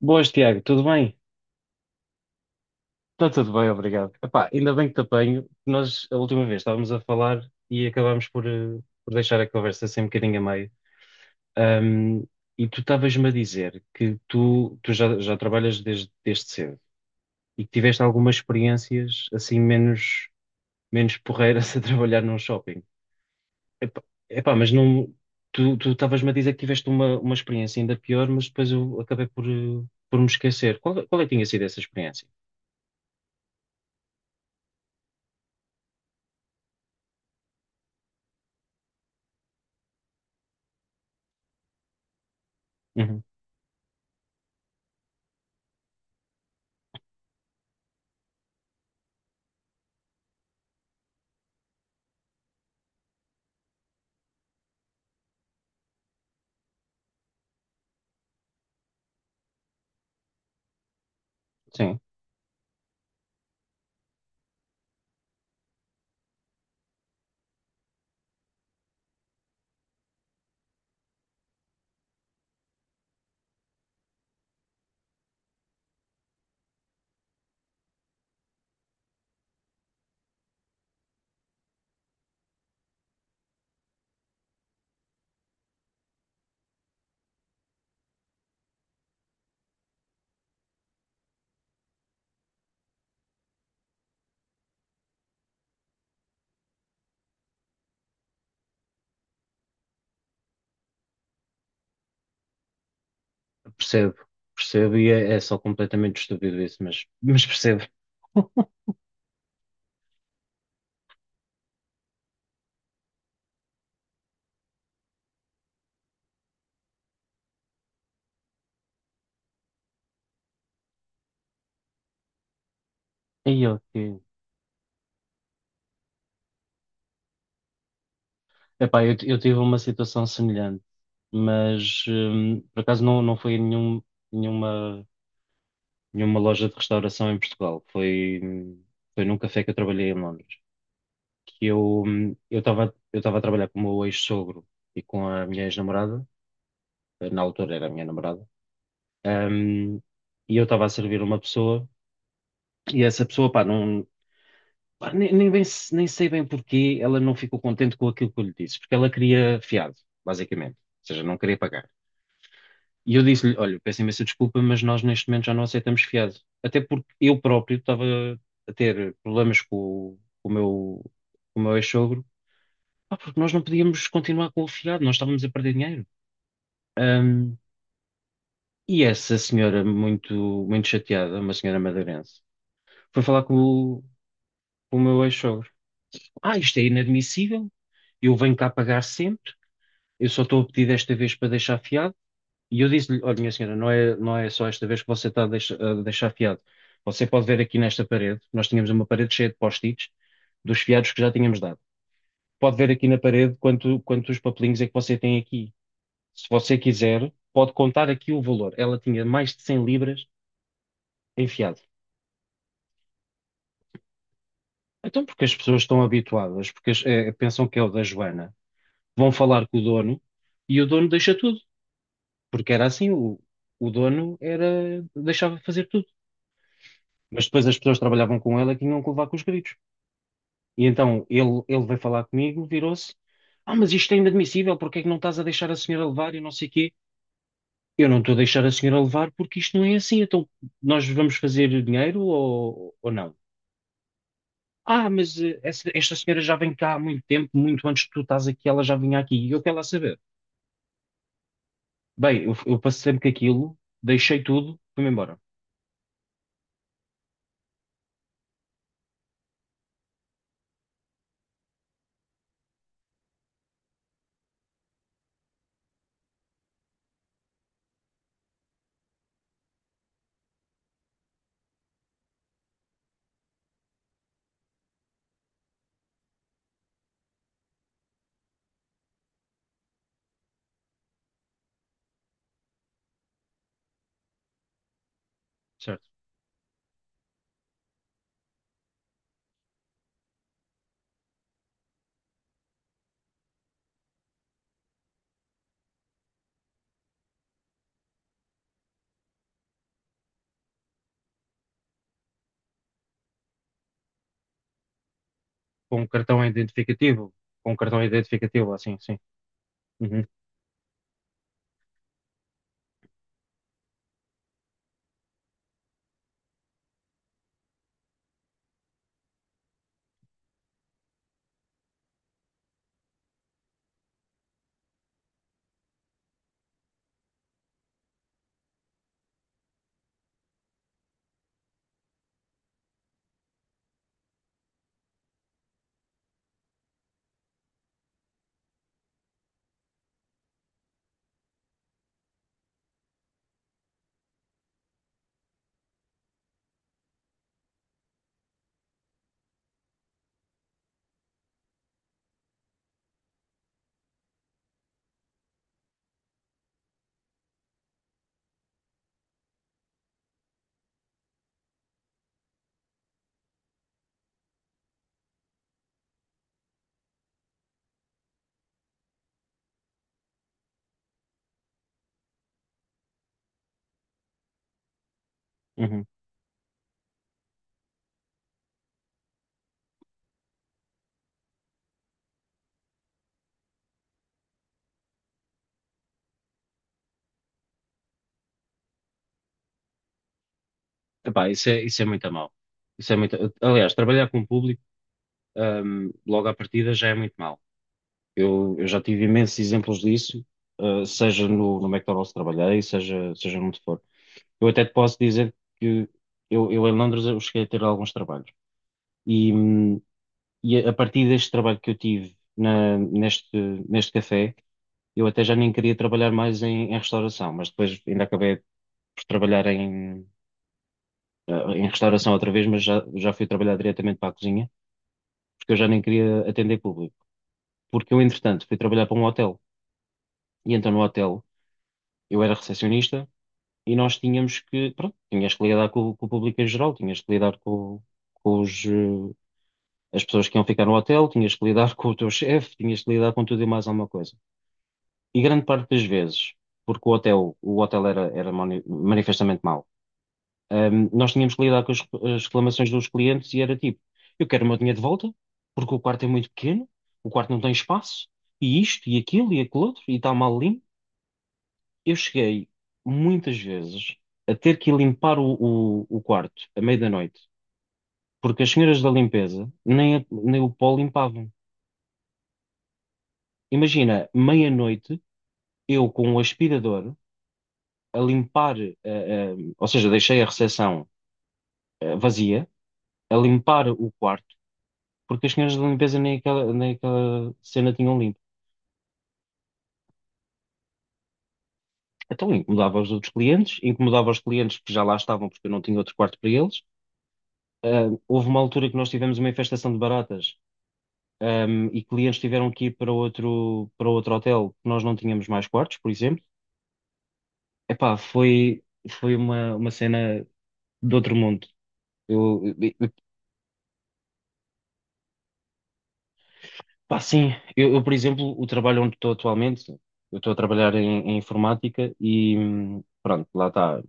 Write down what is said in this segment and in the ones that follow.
Boas, Tiago, tudo bem? Está tudo bem, obrigado. Epá, ainda bem que te apanho. Nós, a última vez, estávamos a falar e acabámos por, por deixar a conversa assim um bocadinho a meio. Ahm, e tu estavas-me a dizer que tu já trabalhas desde cedo e que tiveste algumas experiências assim menos porreiras a trabalhar num shopping. Epá, epá, mas não, tu estavas-me a dizer que tiveste uma experiência ainda pior, mas depois eu acabei por, por me esquecer. Qual é que tinha sido essa experiência? Uhum, sim. Percebo, percebo, e é só completamente estúpido isso, mas percebo. E eu que. Epá, eu tive uma situação semelhante, mas por acaso não foi em nenhuma, nenhuma loja de restauração em Portugal. Foi num café que eu trabalhei em Londres. Que eu estava a trabalhar com o meu ex-sogro e com a minha ex-namorada, na altura era a minha namorada, hum, e eu estava a servir uma pessoa, e essa pessoa, pá, não. Pá, nem sei bem porquê ela não ficou contente com aquilo que eu lhe disse, porque ela queria fiado, basicamente. Ou seja, não queria pagar. E eu disse-lhe: Olha, peço imensa desculpa, mas nós neste momento já não aceitamos fiado. Até porque eu próprio estava a ter problemas com o meu ex-sogro, pá, porque nós não podíamos continuar com o fiado, nós estávamos a perder dinheiro. Ahm, e essa senhora, muito, muito chateada, uma senhora madeirense, foi falar com o meu ex-sogro: Ah, isto é inadmissível, eu venho cá pagar sempre. Eu só estou a pedir desta vez para deixar fiado. E eu disse-lhe, olha, minha senhora, não é só esta vez que você está a deixar fiado. Você pode ver aqui nesta parede, nós tínhamos uma parede cheia de post-its dos fiados que já tínhamos dado. Pode ver aqui na parede quantos papelinhos é que você tem aqui. Se você quiser, pode contar aqui o valor. Ela tinha mais de 100 libras em fiado. Então, porque as pessoas estão habituadas, porque pensam que é o da Joana, vão falar com o dono e o dono deixa tudo, porque era assim, o dono era, deixava fazer tudo. Mas depois as pessoas que trabalhavam com ele é que tinham que levar com os gritos. E então ele veio falar comigo, virou-se: Ah, mas isto é inadmissível, porque é que não estás a deixar a senhora levar e não sei quê? Eu não estou a deixar a senhora levar porque isto não é assim. Então nós vamos fazer dinheiro ou não? Ah, esta senhora já vem cá há muito tempo, muito antes que tu estás aqui, ela já vinha aqui e eu quero lá saber. Bem, eu passei sempre com aquilo, deixei tudo, fui-me embora, certo? Com um cartão identificativo, com um cartão identificativo, assim, sim. Uhum, uhum. Epá, isso é muito a mal. Isso é muito. Aliás, trabalhar com o público, logo à partida já é muito mal. Eu já tive imensos exemplos disso, seja no McDonald's que trabalhei, seja onde for. Eu até te posso dizer que eu em Londres eu cheguei a ter alguns trabalhos. E, hum, e a partir deste trabalho que eu tive neste café, eu até já nem queria trabalhar mais em restauração, mas depois ainda acabei por trabalhar em restauração outra vez, mas já fui trabalhar diretamente para a cozinha. Porque eu já nem queria atender público. Porque eu, entretanto, fui trabalhar para um hotel. E então no hotel eu era recepcionista e nós tínhamos que, pronto, tinhas que lidar com o público em geral, tinhas que lidar com os, eh, as pessoas que iam ficar no hotel, tinhas que lidar com o teu chefe, tinhas que lidar com tudo e mais alguma coisa. E grande parte das vezes, porque o hotel era manifestamente mau. Nós tínhamos que lidar com as reclamações dos clientes e era tipo, eu quero o meu dinheiro de volta, porque o quarto é muito pequeno, o quarto não tem espaço, e isto, e aquilo outro, e está mal limpo. Eu cheguei muitas vezes a ter que limpar o quarto à meia da noite, porque as senhoras da limpeza nem o pó limpavam. Imagina, meia-noite, eu com o aspirador a limpar, ou seja, deixei a recepção vazia, a limpar o quarto porque as senhoras da limpeza nem aquela cena tinham limpo. Então incomodava os outros clientes, incomodava os clientes que já lá estavam porque eu não tinha outro quarto para eles. Ah, houve uma altura que nós tivemos uma infestação de baratas, e clientes tiveram que ir para outro hotel, que nós não tínhamos mais quartos, por exemplo. Epá, foi uma cena de outro mundo. Eu, eu- eu- Pá, sim, eu, por exemplo, o trabalho onde estou atualmente, eu estou a trabalhar em informática e pronto, lá está.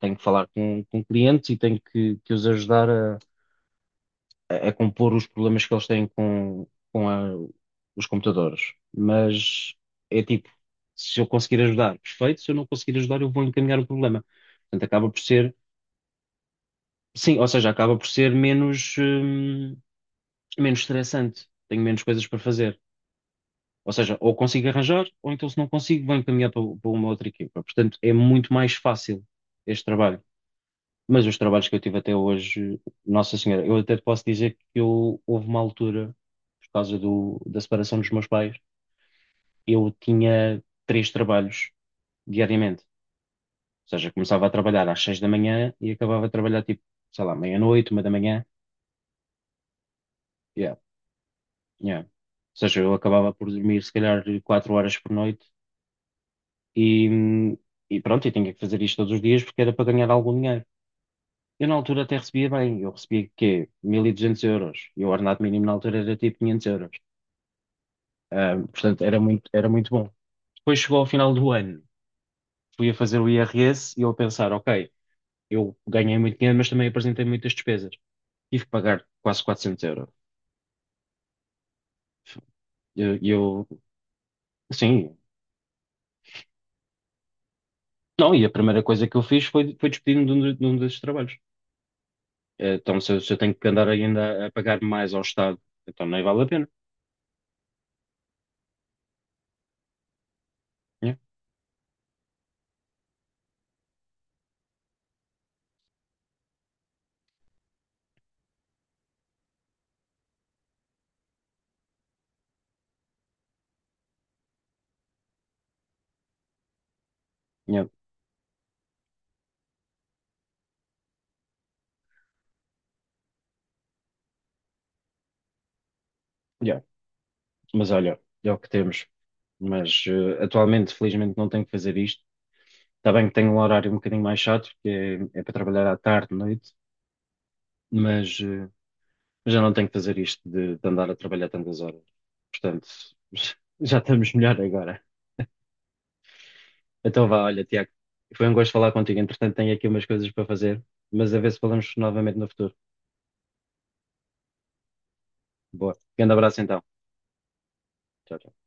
Tenho que falar com clientes e tenho que os ajudar a compor os problemas que eles têm com a- os computadores. Mas é tipo, se eu conseguir ajudar, perfeito, se eu não conseguir ajudar, eu vou encaminhar o problema. Portanto, acaba por ser, sim, ou seja, acaba por ser menos estressante, tenho menos coisas para fazer. Ou seja, ou consigo arranjar, ou então se não consigo, vou encaminhar para uma outra equipa. Portanto, é muito mais fácil este trabalho. Mas os trabalhos que eu tive até hoje, Nossa Senhora, eu até te posso dizer que houve uma altura, por causa da separação dos meus pais, eu tinha três trabalhos diariamente. Ou seja, começava a trabalhar às 6 da manhã e acabava a trabalhar tipo, sei lá, meia-noite, 1 da manhã. Yeah, yeah. Ou seja, eu acabava por dormir se calhar 4 horas por noite e, e pronto, eu tinha que fazer isto todos os dias porque era para ganhar algum dinheiro. Eu na altura até recebia bem, eu recebia quê? 1.200 euros e o ordenado mínimo na altura era tipo 500 euros. Portanto, era muito bom. Depois chegou ao final do ano, fui a fazer o IRS e eu a pensar, ok, eu ganhei muito dinheiro, mas também apresentei muitas despesas. Tive que pagar quase 400 euros. E eu, eu- sim, não, e a primeira coisa que eu fiz foi despedir-me de um desses trabalhos. Então, se eu tenho que andar ainda a pagar mais ao Estado, então nem vale a pena. Yeah, yeah, yeah. Mas olha, é o que temos. Mas atualmente, felizmente, não tenho que fazer isto. Está bem que tenho um horário um bocadinho mais chato, porque é para trabalhar à tarde, noite, mas já não tenho que fazer isto de andar a trabalhar tantas horas. Portanto, já estamos melhor agora. Então vá, olha, Tiago, foi um gosto falar contigo. Entretanto, tenho aqui umas coisas para fazer, mas a ver se falamos novamente no futuro. Boa. Grande abraço então. Tchau, tchau.